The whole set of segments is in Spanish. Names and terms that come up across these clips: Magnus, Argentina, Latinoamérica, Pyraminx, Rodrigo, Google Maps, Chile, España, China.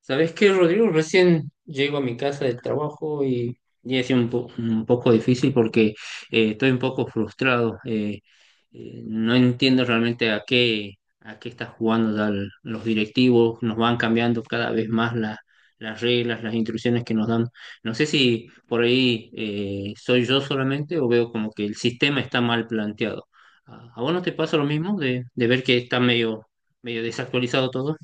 ¿Sabes qué, Rodrigo? Recién llego a mi casa del trabajo y ha sido un poco difícil porque estoy un poco frustrado. No entiendo realmente a qué están jugando ya los directivos. Nos van cambiando cada vez más las reglas, las instrucciones que nos dan. No sé si por ahí soy yo solamente o veo como que el sistema está mal planteado. ¿A vos no te pasa lo mismo de ver que está medio desactualizado todo?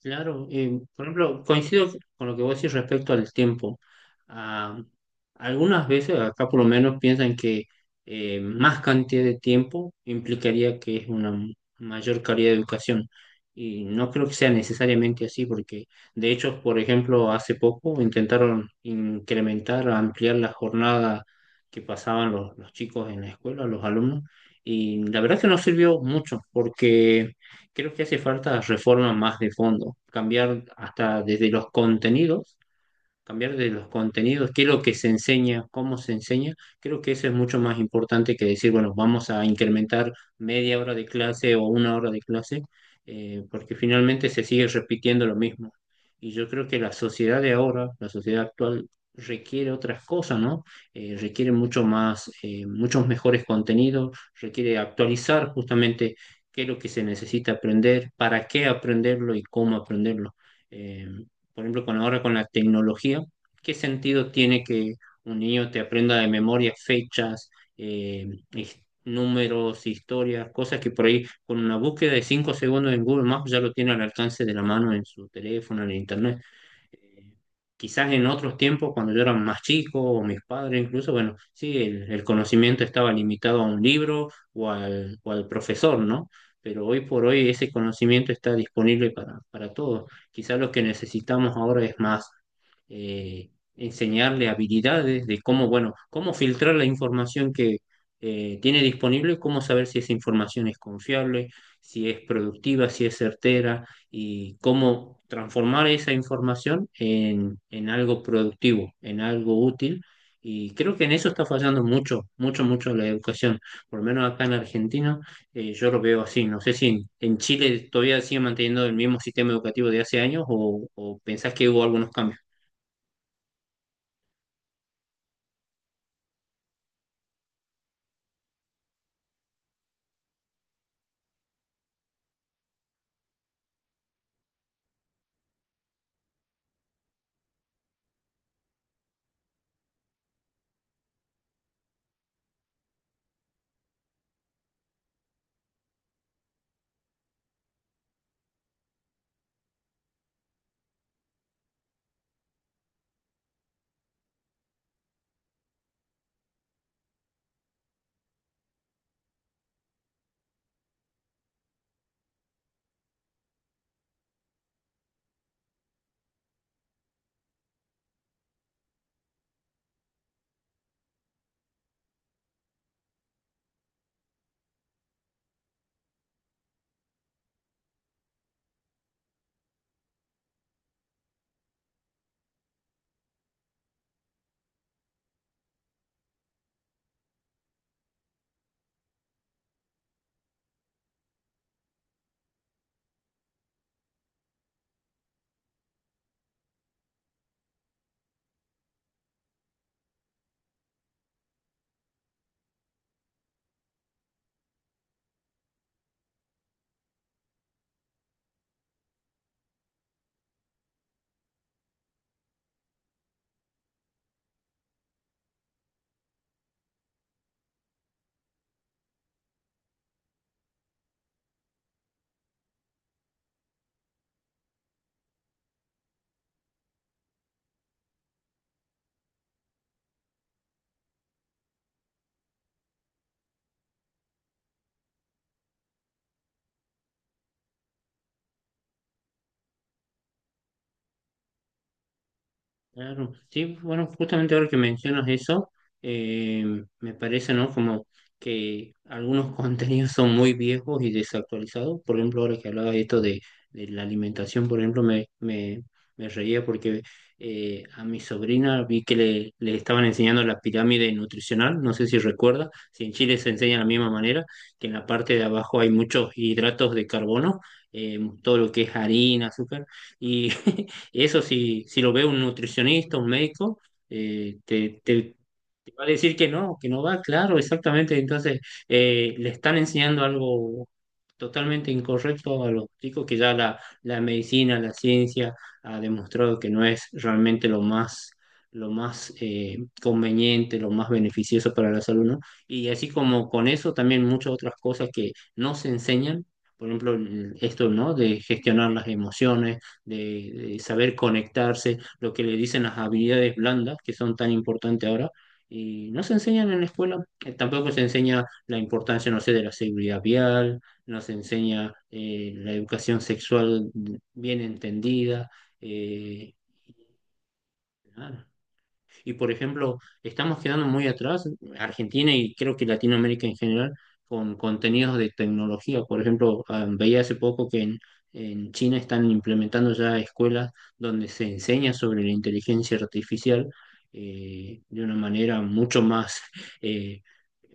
Claro, por ejemplo, coincido con lo que vos decís respecto al tiempo. Ah, algunas veces, acá por lo menos, piensan que más cantidad de tiempo implicaría que es una mayor calidad de educación. Y no creo que sea necesariamente así, porque de hecho, por ejemplo, hace poco intentaron incrementar, ampliar la jornada que pasaban los chicos en la escuela, los alumnos, y la verdad que no sirvió mucho, porque creo que hace falta reforma más de fondo, cambiar hasta desde los contenidos, cambiar de los contenidos, qué es lo que se enseña, cómo se enseña. Creo que eso es mucho más importante que decir, bueno, vamos a incrementar media hora de clase o una hora de clase, porque finalmente se sigue repitiendo lo mismo. Y yo creo que la sociedad de ahora, la sociedad actual, requiere otras cosas, ¿no? Requiere mucho más, muchos mejores contenidos, requiere actualizar justamente qué es lo que se necesita aprender, para qué aprenderlo y cómo aprenderlo. Eh, por ejemplo, con ahora con la tecnología, ¿qué sentido tiene que un niño te aprenda de memoria fechas, eh, números, historias, cosas que por ahí con una búsqueda de 5 segundos en Google Maps ya lo tiene al alcance de la mano en su teléfono, en internet? Eh, Quizás en otros tiempos, cuando yo era más chico, o mis padres incluso, bueno, sí, el conocimiento estaba limitado a un libro o al profesor, ¿no? Pero hoy por hoy ese conocimiento está disponible para todos. Quizás lo que necesitamos ahora es más eh, enseñarle habilidades de cómo, bueno, cómo filtrar la información que tiene disponible, cómo saber si esa información es confiable, si es productiva, si es certera y cómo transformar esa información en algo productivo, en algo útil. Y creo que en eso está fallando mucho, mucho, mucho la educación. Por lo menos acá en Argentina, yo lo veo así. No sé si en Chile todavía sigue manteniendo el mismo sistema educativo de hace años o pensás que hubo algunos cambios. Claro, sí, bueno, justamente ahora que mencionas eso, me parece, ¿no? Como que algunos contenidos son muy viejos y desactualizados. Por ejemplo, ahora que hablaba de esto, de la alimentación, por ejemplo, me reía porque a mi sobrina vi que le estaban enseñando la pirámide nutricional, no sé si recuerda, si en Chile se enseña de la misma manera, que en la parte de abajo hay muchos hidratos de carbono, todo lo que es harina, azúcar, y eso si lo ve un nutricionista, un médico, eh, te, te, te va a decir que no va, claro, exactamente. Entonces, le están enseñando algo totalmente incorrecto a los chicos que ya la medicina, la ciencia ha demostrado que no es realmente lo más conveniente, lo más beneficioso para la salud, ¿no? Y así como con eso, también muchas otras cosas que no se enseñan. Por ejemplo, esto, ¿no? De gestionar las emociones, de saber conectarse, lo que le dicen las habilidades blandas, que son tan importantes ahora y no se enseñan en la escuela. Tampoco se enseña la importancia, no sé, de la seguridad vial, no se enseña la educación sexual bien entendida. eh, Nada. Y por ejemplo, estamos quedando muy atrás, Argentina y creo que Latinoamérica en general, con contenidos de tecnología. Por ejemplo, ah, veía hace poco que en China están implementando ya escuelas donde se enseña sobre la inteligencia artificial de una manera mucho más... eh,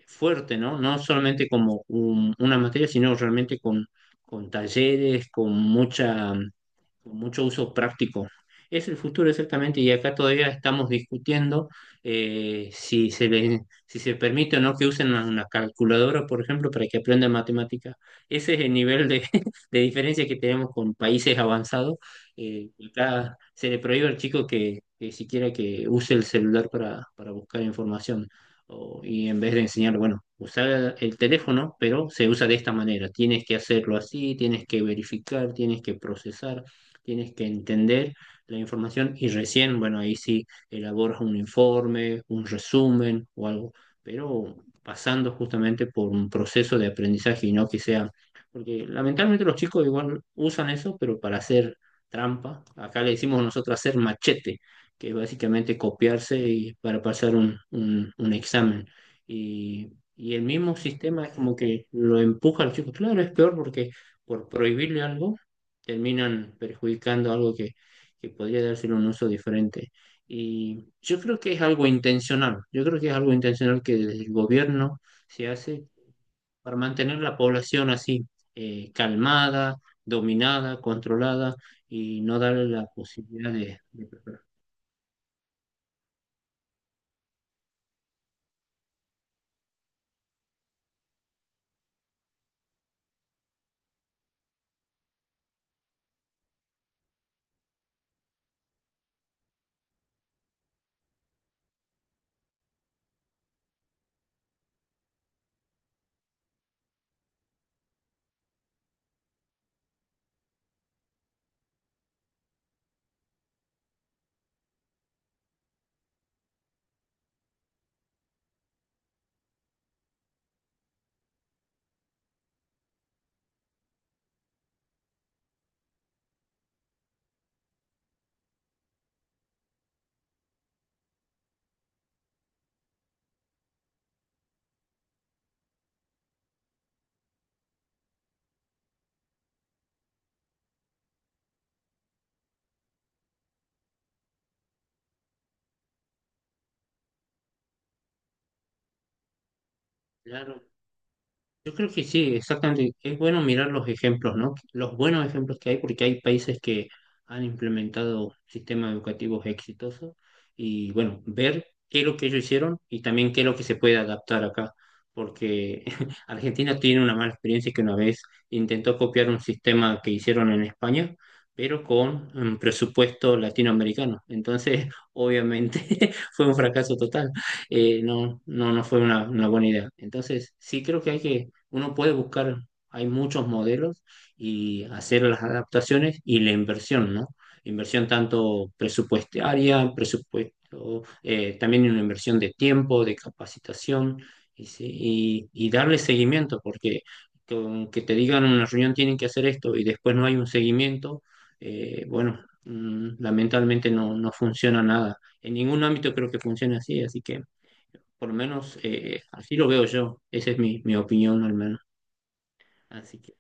fuerte, ¿no? No solamente como una materia, sino realmente con talleres, con mucha, con mucho uso práctico. Es el futuro, exactamente, y acá todavía estamos discutiendo eh, si se le- si se permite o no que usen una calculadora, por ejemplo, para que aprendan matemáticas. Ese es el nivel de, de diferencia que tenemos con países avanzados. Acá se le prohíbe al chico que siquiera que use el celular para buscar información. Y en vez de enseñar, bueno, usar el teléfono, pero se usa de esta manera. Tienes que hacerlo así, tienes que verificar, tienes que procesar, tienes que entender la información y recién, bueno, ahí sí elaboras un informe, un resumen o algo, pero pasando justamente por un proceso de aprendizaje y no que sea, porque lamentablemente los chicos igual usan eso, pero para hacer trampa, acá le decimos nosotros hacer machete, que es básicamente copiarse y para pasar un examen. Y el mismo sistema es como que lo empuja al chico. Claro, es peor porque por prohibirle algo terminan perjudicando algo que podría dárselo un uso diferente. Y yo creo que es algo intencional, yo creo que es algo intencional que desde el gobierno se hace para mantener la población así, calmada, dominada, controlada y no darle la posibilidad de... Yo creo que sí, exactamente. Es bueno mirar los ejemplos, ¿no? Los buenos ejemplos que hay, porque hay países que han implementado sistemas educativos exitosos y, bueno, ver qué es lo que ellos hicieron y también qué es lo que se puede adaptar acá, porque Argentina tiene una mala experiencia que una vez intentó copiar un sistema que hicieron en España, pero con un presupuesto latinoamericano. Entonces, obviamente, fue un fracaso total. No fue una buena idea. Entonces, sí creo que hay que, uno puede buscar, hay muchos modelos y hacer las adaptaciones y la inversión, ¿no? Inversión tanto presupuestaria, presupuesto, también una inversión de tiempo, de capacitación y darle seguimiento, porque con que te digan en una reunión tienen que hacer esto y después no hay un seguimiento, bueno, lamentablemente no funciona nada. En ningún ámbito creo que funcione así, así que por lo menos así lo veo yo. Esa es mi opinión al menos. Así que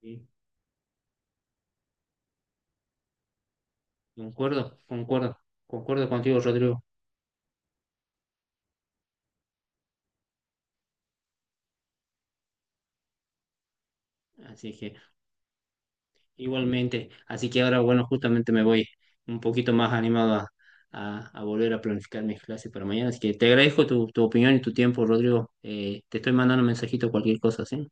sí, concuerdo, concuerdo, concuerdo contigo, Rodrigo. Así que igualmente, así que ahora, bueno, justamente me voy un poquito más animado a, a volver a planificar mis clases para mañana. Así que te agradezco tu opinión y tu tiempo, Rodrigo. Te estoy mandando un mensajito, cualquier cosa, ¿sí?